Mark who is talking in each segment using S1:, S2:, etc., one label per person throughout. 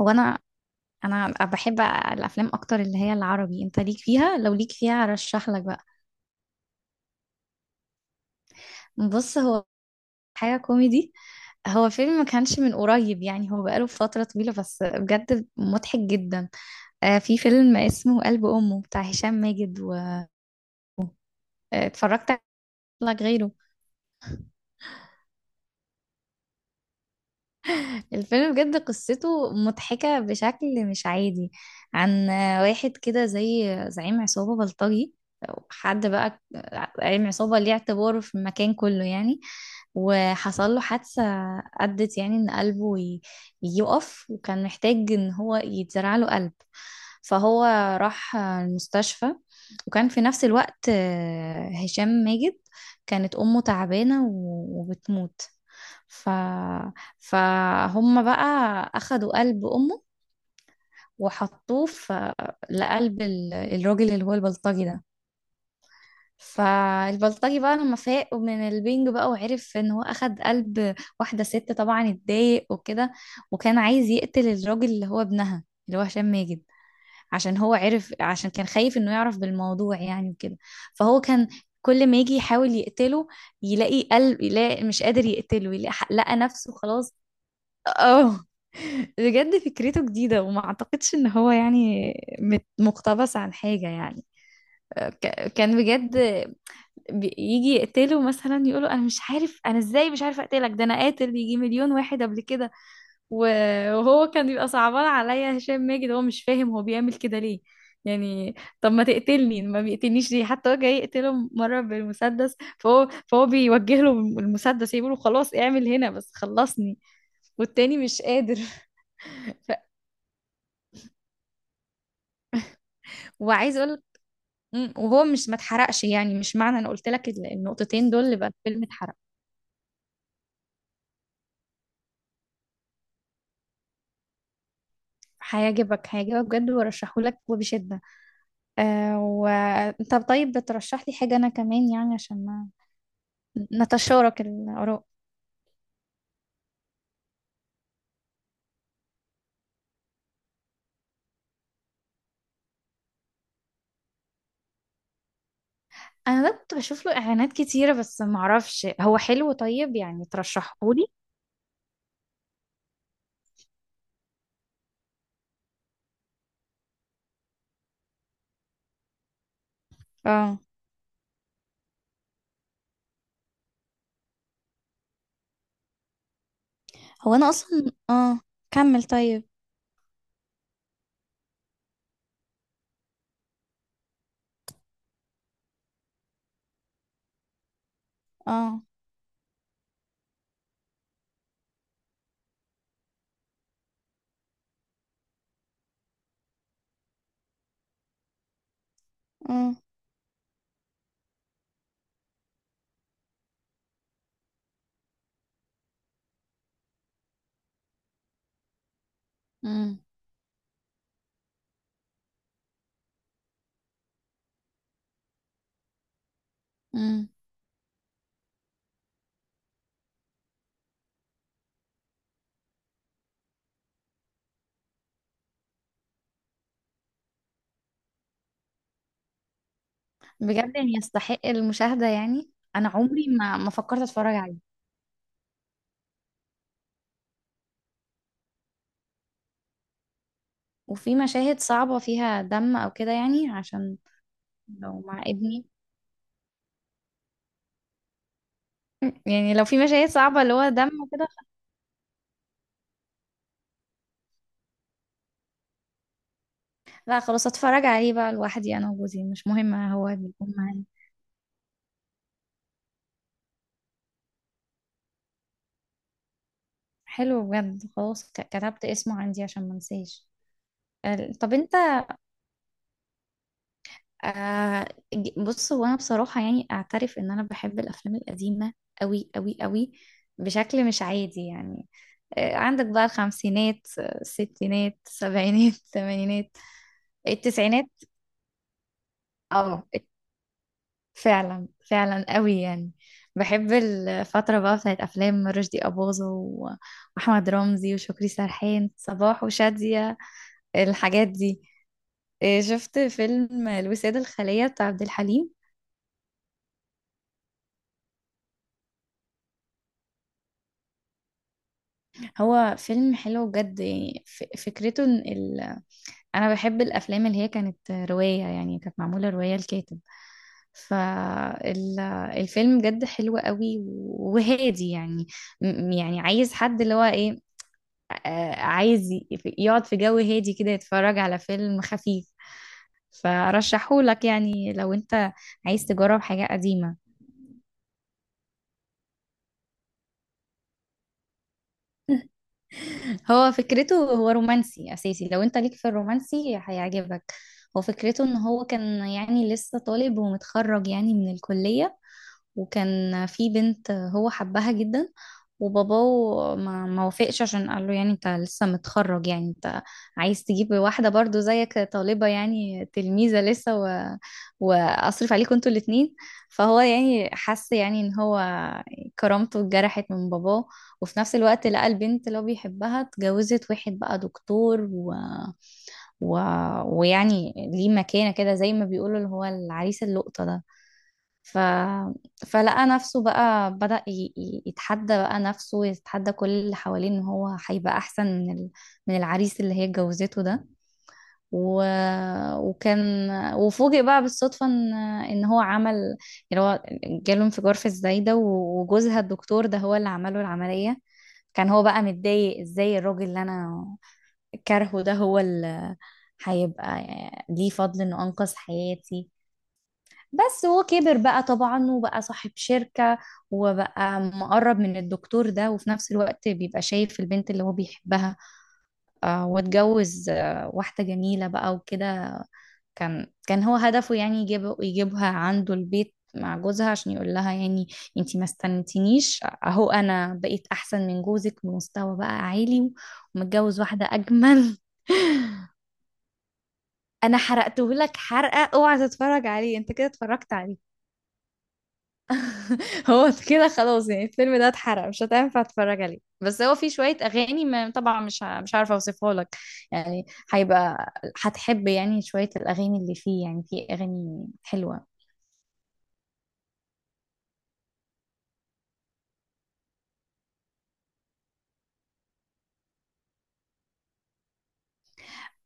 S1: هو انا انا بحب الافلام اكتر اللي هي العربي. انت ليك فيها؟ لو ليك فيها ارشح لك بقى. بص هو حاجه كوميدي. هو فيلم ما كانش من قريب، يعني هو بقاله فتره طويله بس بجد مضحك جدا. آه، في فيلم اسمه قلب امه بتاع هشام ماجد واتفرجت عليه غيره. الفيلم بجد قصته مضحكة بشكل مش عادي. عن واحد كده زي زعيم عصابة بلطجي، أو حد بقى زعيم عصابة ليه اعتباره في المكان كله يعني. وحصل له حادثة أدت يعني إن قلبه يقف، وكان محتاج إن هو يتزرع له قلب. فهو راح المستشفى، وكان في نفس الوقت هشام ماجد كانت أمه تعبانة وبتموت. ف... فهم بقى أخدوا قلب أمه وحطوه في، لقلب الراجل اللي هو البلطجي ده. فالبلطجي بقى لما فاق من البنج بقى وعرف ان هو اخد قلب واحدة ست، طبعا اتضايق وكده. وكان عايز يقتل الراجل اللي هو ابنها اللي هو هشام ماجد، عشان هو عرف، عشان كان خايف انه يعرف بالموضوع يعني وكده. فهو كان كل ما يجي يحاول يقتله، يلاقي قلب، يلاقي مش قادر يقتله، يلاقي لقى نفسه خلاص. اه، بجد فكرته جديدة وما اعتقدش ان هو يعني مقتبس عن حاجة يعني. كان بجد بيجي يقتله مثلا، يقوله انا مش عارف انا ازاي مش عارف اقتلك، ده انا قاتل يجي مليون واحد قبل كده. وهو كان بيبقى صعبان عليا هشام ماجد، هو مش فاهم هو بيعمل كده ليه يعني. طب ما تقتلني، ما بيقتلنيش ليه؟ حتى هو جاي يقتله مرة بالمسدس، فهو بيوجه له المسدس يقول له خلاص اعمل هنا بس خلصني. والتاني مش قادر. وعايز اقول، وهو مش ما اتحرقش يعني، مش معنى انا قلت لك النقطتين دول يبقى الفيلم اتحرق. هيعجبك هيعجبك بجد، وارشحه لك وبشدة. آه، وانت طيب بترشح لي حاجة انا كمان يعني، عشان ما نتشارك الاراء. انا ده كنت بشوف له اعلانات كتيرة، بس ما اعرفش هو حلو. طيب يعني ترشحه لي. اه، هو انا اصلا. اه كمل طيب. اه. اه. امم. امم. بجد يعني يستحق المشاهدة يعني. انا عمري ما فكرت اتفرج عليه. وفي مشاهد صعبة فيها دم أو كده يعني؟ عشان لو مع ابني. يعني لو في مشاهد صعبة اللي هو دم وكده. لا، خلاص اتفرج عليه بقى لوحدي. أنا وجوزي، مش مهم هو بيكون معايا. حلو بجد، خلاص كتبت اسمه عندي عشان ما انساش. طب انت. آه، بص هو انا بصراحة يعني اعترف ان انا بحب الافلام القديمة، قوي قوي قوي بشكل مش عادي يعني. عندك بقى الخمسينات، الستينات، السبعينات، الثمانينات، التسعينات. اه، فعلا فعلا قوي يعني. بحب الفترة بقى بتاعت أفلام رشدي أباظة وأحمد رمزي وشكري سرحان، صباح وشادية، الحاجات دي. إيه، شفت فيلم الوسادة الخالية بتاع عبد الحليم؟ هو فيلم حلو بجد يعني، فكرته إن أنا بحب الأفلام اللي هي كانت رواية يعني، كانت معمولة رواية الكاتب. فالفيلم بجد حلو قوي وهادي يعني. يعني عايز حد اللي هو إيه، عايز يقعد في جو هادي كده يتفرج على فيلم خفيف. فرشحهولك يعني، لو انت عايز تجرب حاجة قديمة. هو فكرته هو رومانسي أساسي، لو انت ليك في الرومانسي هيعجبك. هو فكرته ان هو كان، يعني لسه طالب ومتخرج يعني من الكلية، وكان في بنت هو حبها جدا، وباباه ما وافقش، عشان قال له يعني انت لسه متخرج، يعني انت عايز تجيب واحدة برضو زيك طالبة يعني تلميذة لسه، واصرف عليكم انتوا الاتنين. فهو يعني حس يعني ان هو كرامته اتجرحت من باباه. وفي نفس الوقت لقى البنت اللي هو بيحبها اتجوزت واحد بقى دكتور، و... ويعني ليه مكانة كده زي ما بيقولوا اللي هو العريس اللقطة ده. ف... فلقى نفسه بقى بدأ يتحدى بقى نفسه، يتحدى كل اللي حواليه ان هو هيبقى احسن من من العريس اللي هي اتجوزته ده. و... وكان وفوجئ بقى بالصدفة ان هو عمل، يعني هو جاله انفجار في الزايدة، وجوزها الدكتور ده هو اللي عمله العملية. كان هو بقى متضايق، ازاي الراجل اللي انا كارهه ده هو اللي هيبقى ليه فضل انه انقذ حياتي. بس هو كبر بقى طبعا وبقى صاحب شركة، وبقى مقرب من الدكتور ده، وفي نفس الوقت بيبقى شايف البنت اللي هو بيحبها. واتجوز واحدة جميلة بقى وكده. كان هو هدفه يعني يجيبها عنده البيت مع جوزها، عشان يقول لها يعني انتي ما استنتينيش، اهو انا بقيت احسن من جوزك بمستوى بقى عالي، ومتجوز واحدة اجمل. انا حرقته لك حرقة، اوعى تتفرج عليه. انت كده اتفرجت عليه. هو كده خلاص يعني، الفيلم ده اتحرق مش هتنفع تتفرج عليه. بس هو فيه شوية أغاني، ما طبعا مش عارفة أوصفها لك يعني. هيبقى هتحب يعني شوية الأغاني اللي فيه، يعني فيه أغاني حلوة.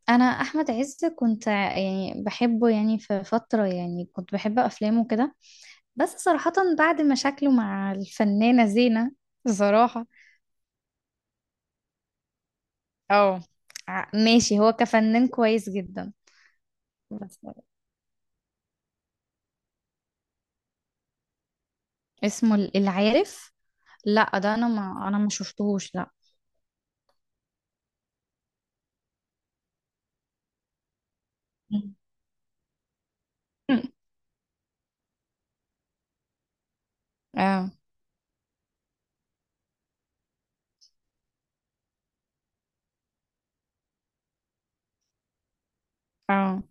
S1: أنا أحمد عز كنت يعني بحبه يعني في فترة، يعني كنت بحب أفلامه كده. بس صراحة بعد مشاكله مع الفنانة زينة، بصراحة. اه، ماشي، هو كفنان كويس جدا. بس، اسمه العارف؟ لا، ده انا ما شفتهوش، لا. اه. اه.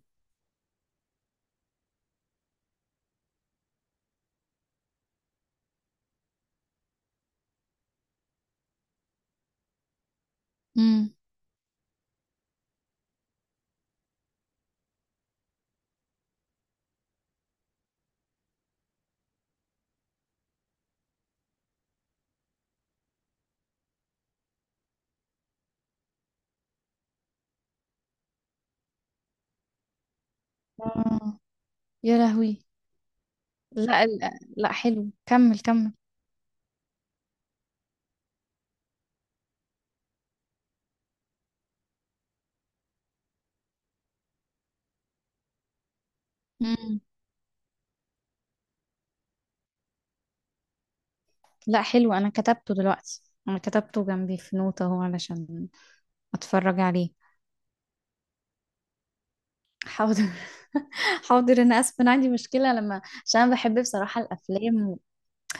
S1: امم. اه يا لهوي. لا، لا، حلو كمل كمل. امم. لا، حلو انا كتبته دلوقتي. انا كتبته جنبي في نوتة اهو، علشان اتفرج عليه. حاضر. حاضر، انا اسف انا عندي مشكله، لما عشان انا بحب بصراحه الافلام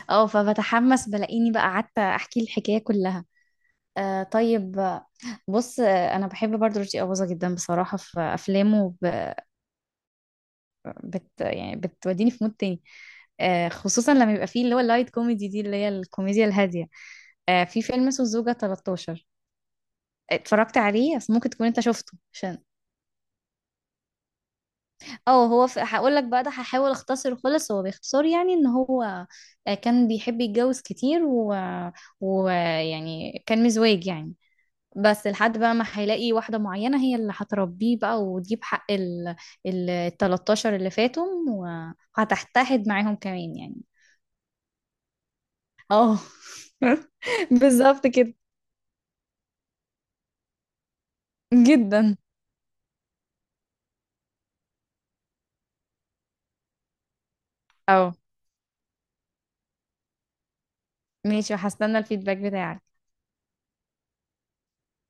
S1: اه فبتحمس، بلاقيني بقى قعدت احكي الحكايه كلها. طيب، بص، انا بحب برضو رشدي اباظه جدا بصراحه في افلامه. يعني بتوديني في مود تاني. خصوصا لما يبقى فيه اللي هو اللايت كوميدي دي اللي هي الكوميديا الهادية. في فيلم اسمه الزوجة 13، اتفرجت عليه بس ممكن تكون انت شفته عشان. اه، هقول لك بقى ده، هحاول اختصره خالص. هو باختصار يعني ان هو كان بيحب يتجوز كتير، ويعني كان مزواج يعني. بس لحد بقى ما هيلاقي واحدة معينة هي اللي هتربيه بقى وتجيب حق ال 13 اللي فاتهم، وهتحتحد معاهم كمان يعني. اه، بالظبط كده. جدا. اه ماشي، وهستنى الفيدباك بتاعك.